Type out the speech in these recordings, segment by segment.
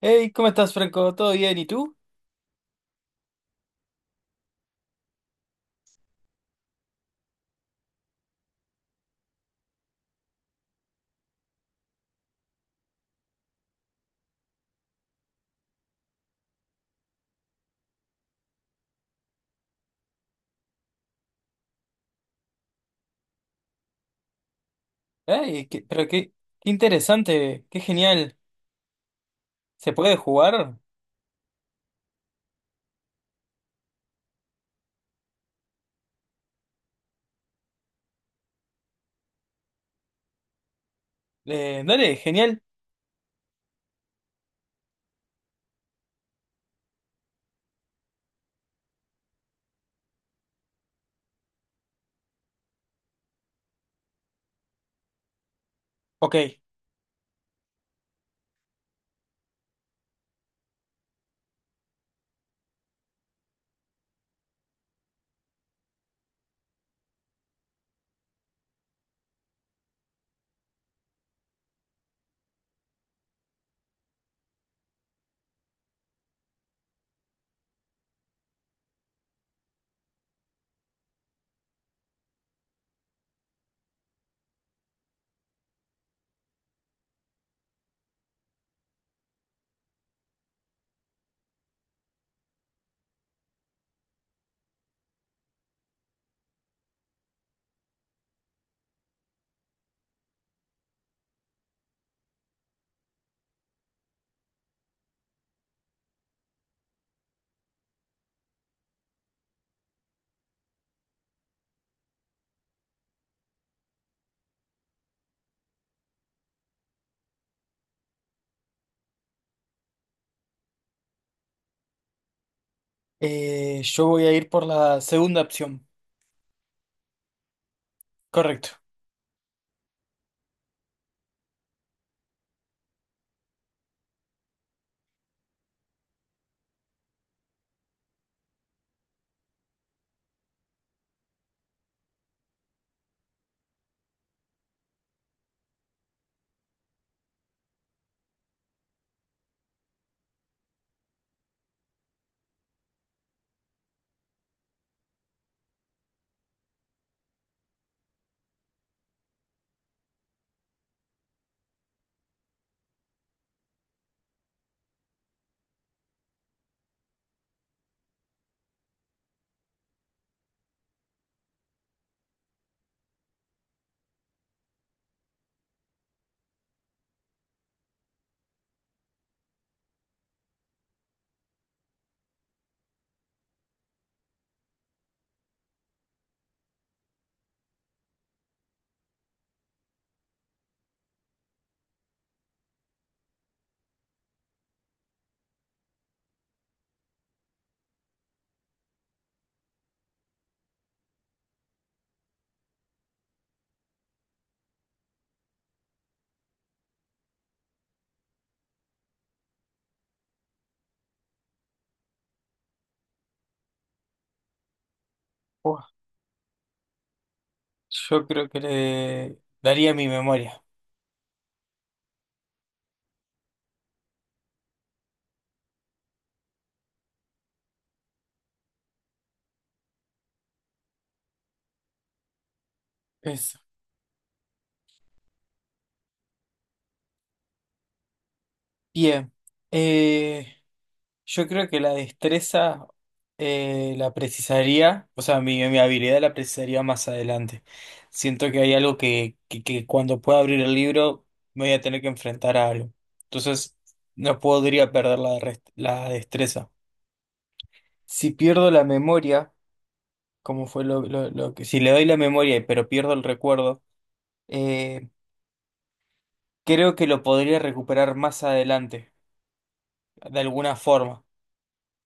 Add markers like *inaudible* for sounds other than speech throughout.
Hey, ¿cómo estás, Franco? ¿Todo bien? ¿Y tú? Ay, qué interesante, qué genial. ¿Se puede jugar? Dale, genial. Ok, yo voy a ir por la segunda opción. Correcto. Buah, yo creo que le daría mi memoria. Eso. Bien. Eh, Yo creo que la destreza la precisaría, o sea, mi habilidad la precisaría más adelante. Siento que hay algo que cuando pueda abrir el libro me voy a tener que enfrentar a algo. Entonces, no podría perder la destreza. Si pierdo la memoria, como fue lo que… Si le doy la memoria, pero pierdo el recuerdo, eh, creo que lo podría recuperar más adelante, de alguna forma.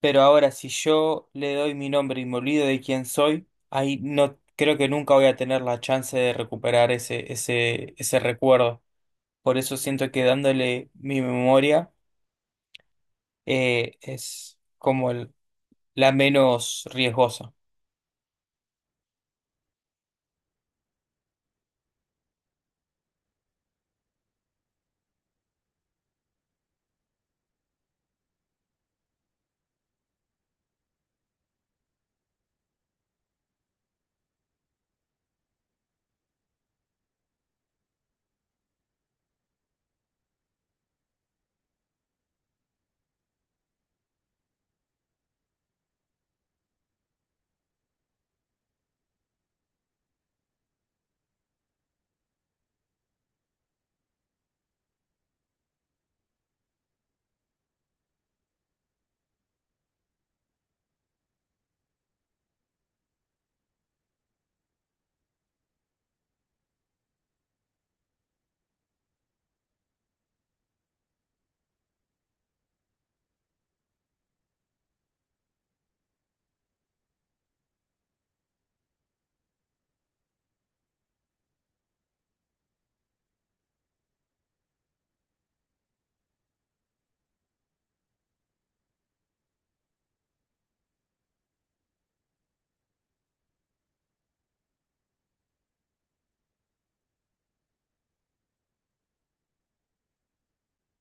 Pero ahora, si yo le doy mi nombre y me olvido de quién soy, ahí no creo que nunca voy a tener la chance de recuperar ese recuerdo. Por eso siento que dándole mi memoria es como la menos riesgosa.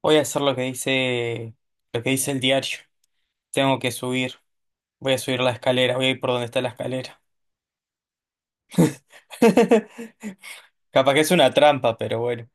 Voy a hacer lo que dice el diario. Tengo que subir. Voy a subir la escalera. Voy a ir por donde está la escalera. *laughs* Capaz que es una trampa, pero bueno.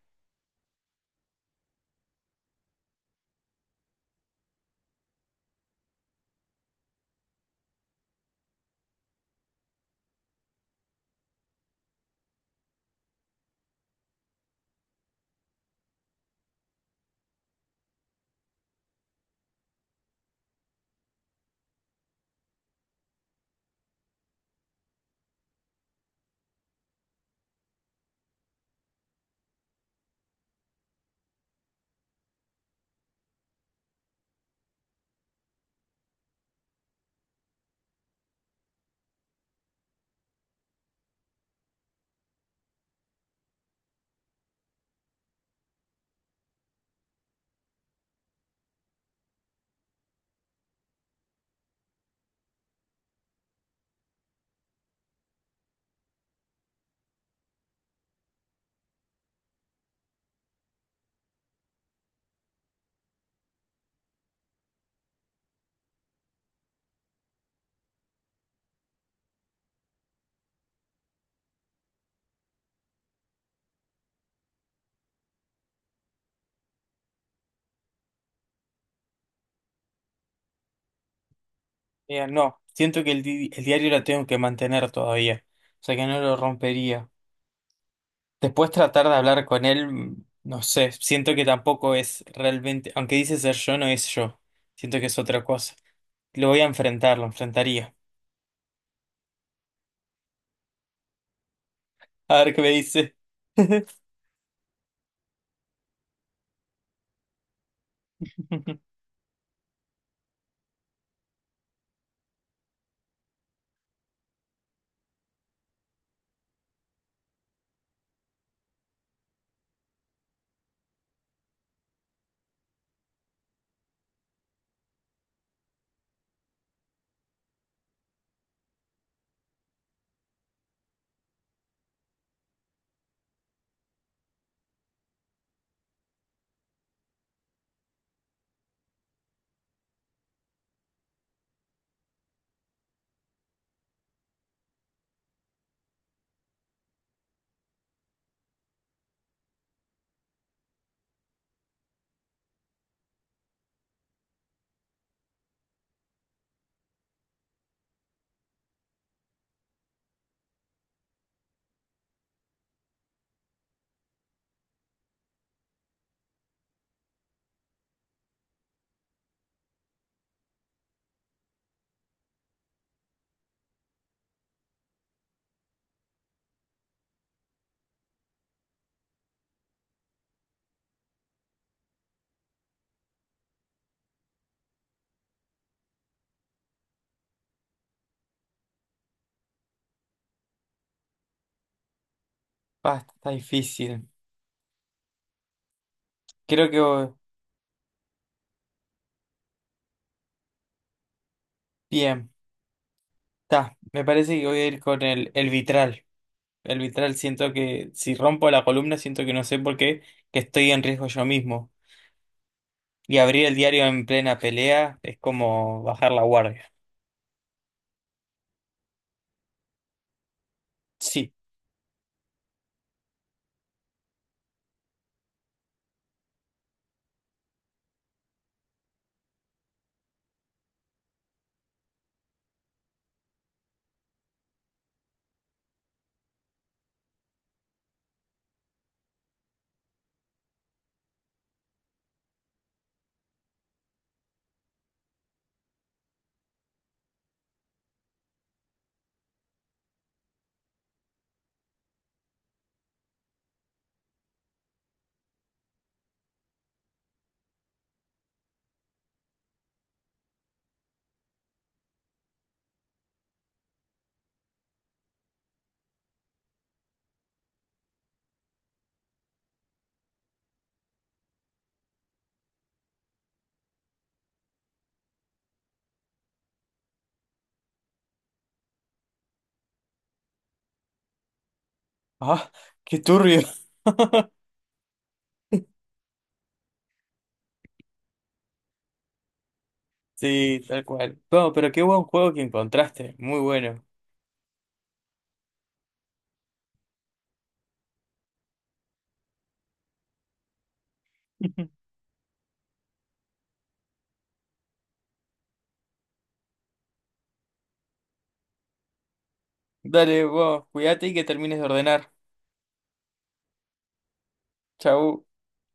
Mira, no, siento que el diario lo tengo que mantener todavía, o sea que no lo rompería. Después tratar de hablar con él, mm, no sé, siento que tampoco es realmente, aunque dice ser yo, no es yo, siento que es otra cosa. Lo voy a enfrentar, lo enfrentaría. A ver qué me dice. *laughs* Basta, está difícil. Creo que voy- bien, me parece que voy a ir con el vitral. El vitral siento que si rompo la columna, siento que no sé por qué, que estoy en riesgo yo mismo. Y abrir el diario en plena pelea es como bajar la guardia. *laughs* Sí. Ah, qué turbio. *laughs* Sí, tal cual. No, pero qué buen juego que encontraste. Muy bueno. *laughs* Dale, vos, cuídate y que termines de ordenar. Chau.